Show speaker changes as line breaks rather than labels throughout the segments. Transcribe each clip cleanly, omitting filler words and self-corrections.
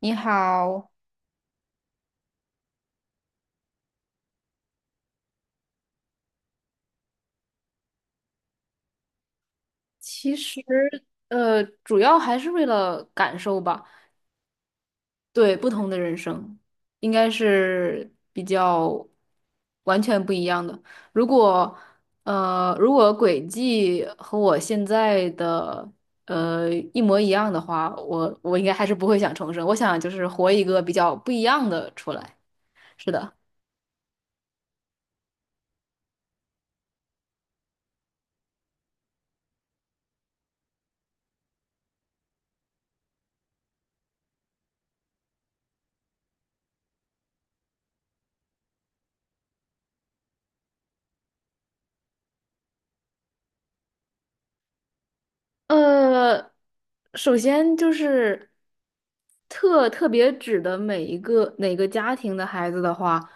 你好，其实主要还是为了感受吧。对，不同的人生应该是比较完全不一样的。如果如果轨迹和我现在的一模一样的话，我应该还是不会想重生。我想就是活一个比较不一样的出来。是的。呃，首先就是特别指的每一个哪个家庭的孩子的话，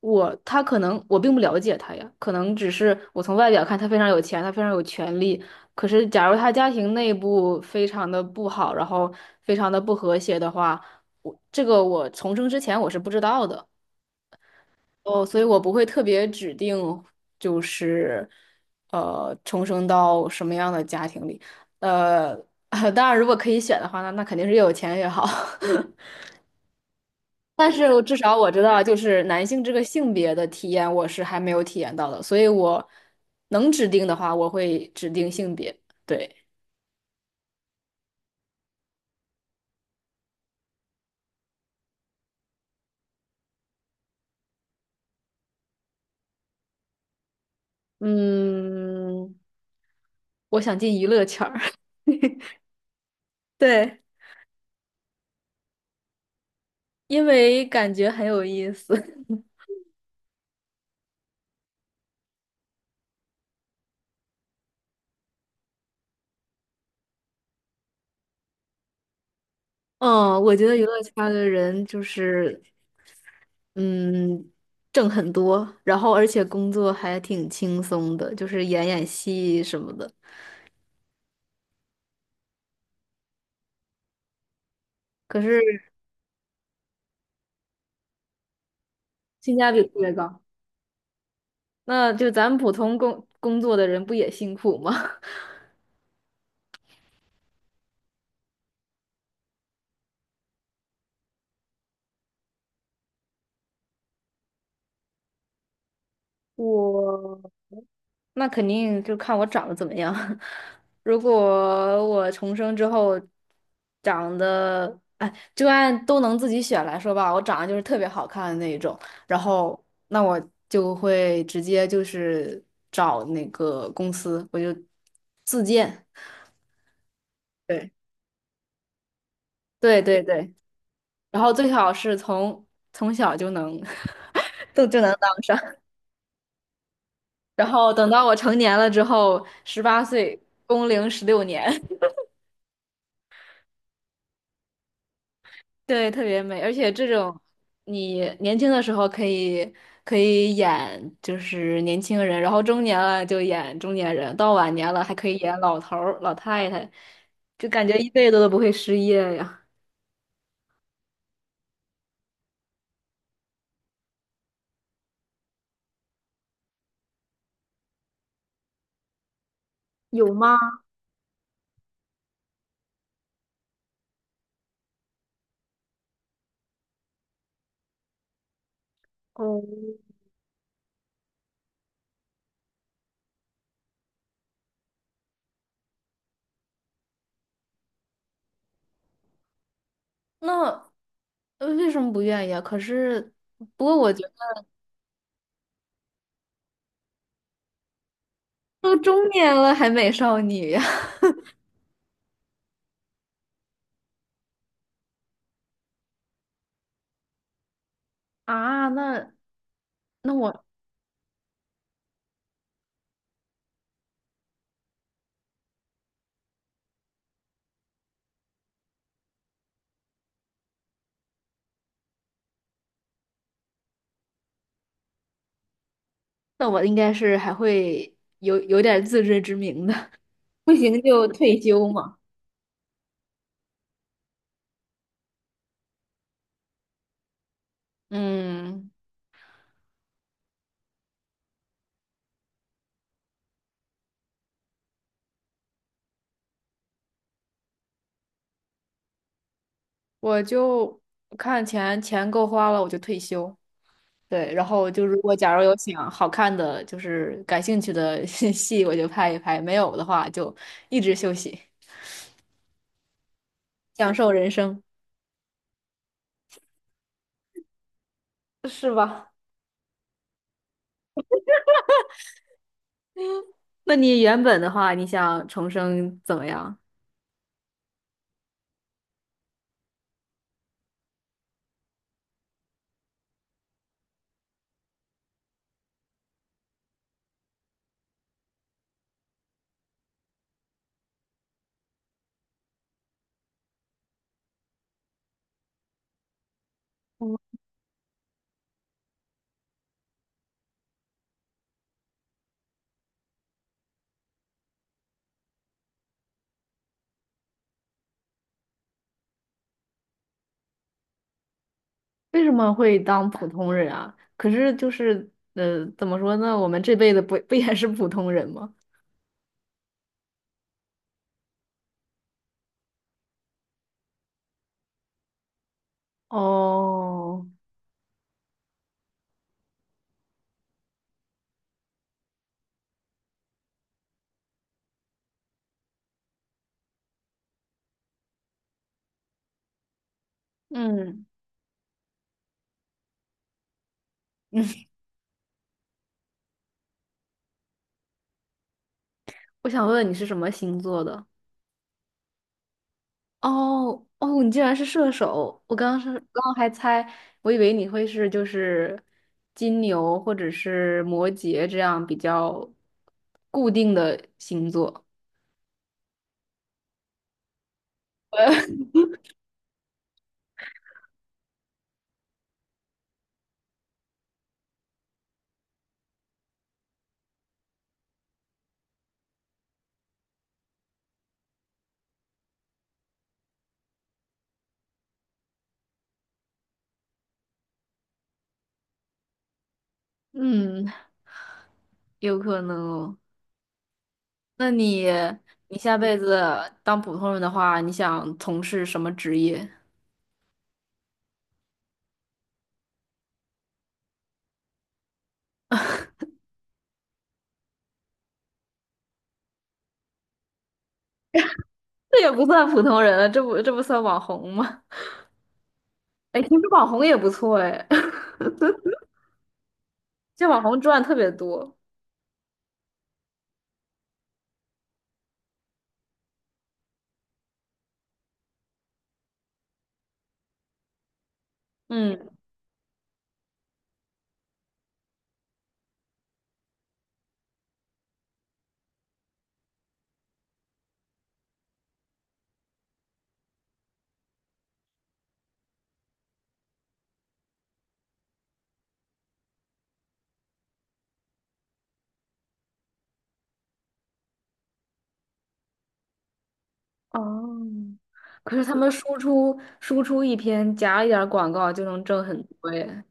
我可能并不了解他呀，可能只是我从外表看他非常有钱，他非常有权利。可是假如他家庭内部非常的不好，然后非常的不和谐的话，我这个我重生之前我是不知道的。哦，所以我不会特别指定，就是重生到什么样的家庭里。呃，当然，如果可以选的话，那肯定是越有钱越好。但是我至少我知道，就是男性这个性别的体验，我是还没有体验到的。所以我能指定的话，我会指定性别。对，嗯，我想进娱乐圈儿，对，因为感觉很有意思。嗯，我觉得娱乐圈儿的人就是嗯，挣很多，然后而且工作还挺轻松的，就是演演戏什么的。可是性价比特别高。那就咱们普通工作的人不也辛苦吗？我那肯定就看我长得怎么样。如果我重生之后长得，哎，就按都能自己选来说吧，我长得就是特别好看的那一种，然后那我就会直接就是找那个公司，我就自荐。对对对对，然后最好是从从小就能 都就能当上，然后等到我成年了之后，18岁工龄16年。对，特别美，而且这种你年轻的时候可以演就是年轻人，然后中年了就演中年人，到晚年了还可以演老头儿、老太太，就感觉一辈子都不会失业呀。有吗？哦，那为什么不愿意啊？可是，不过我觉得都中年了还美少女呀。啊，那那我那我应该是还会有点自知之明的，不行就退休嘛。嗯。我就看钱够花了，我就退休。对，然后就如果假如有想好看的，就是感兴趣的 戏，我就拍一拍；没有的话，就一直休息，享受人生，是吧？那你原本的话，你想重生怎么样？为什么会当普通人啊？可是就是，怎么说呢？我们这辈子不 不也是普通人吗？哦，嗯，我想问问你是什么星座的？哦哦，你竟然是射手！我刚刚还猜，我以为你会是就是金牛或者是摩羯这样比较固定的星座。嗯，有可能哦那你你下辈子当普通人的话，你想从事什么职业？这也不算普通人了，这不算网红吗？哎，其实网红也不错哎，这网红赚特别多。嗯。哦，可是他们输出输出一篇夹一点儿广告就能挣很多耶。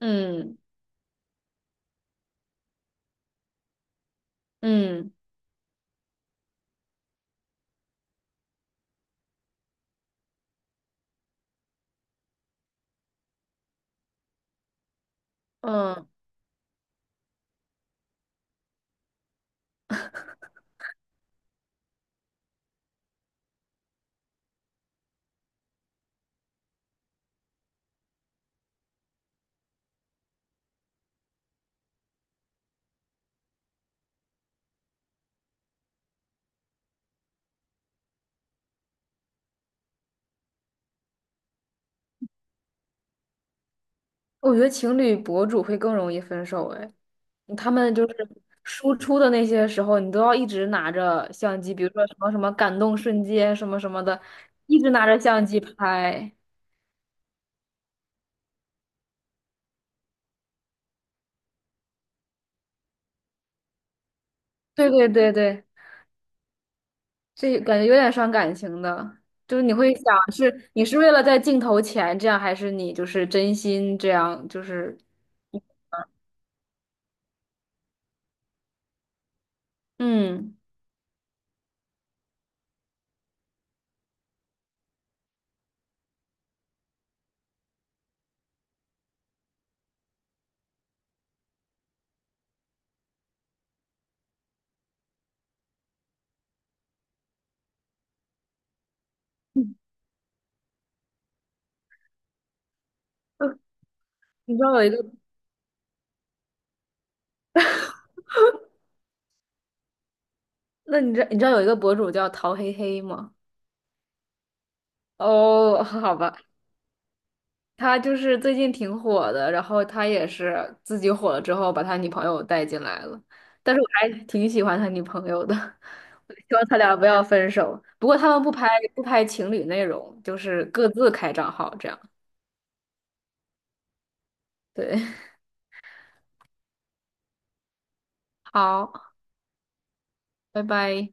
嗯嗯嗯，我觉得情侣博主会更容易分手哎，嗯他们就是输出的那些时候，你都要一直拿着相机，比如说什么什么感动瞬间什么什么的，一直拿着相机拍。对对对对。这感觉有点伤感情的，就是你会想是你是为了在镜头前这样，还是你就是真心这样？就是嗯，你知道有一个，那你知道有一个博主叫陶黑黑吗？哦，好吧，他就是最近挺火的，然后他也是自己火了之后把他女朋友带进来了，但是我还挺喜欢他女朋友的，我希望他俩不要分手。不过他们不拍情侣内容，就是各自开账号这样。对，好。拜拜。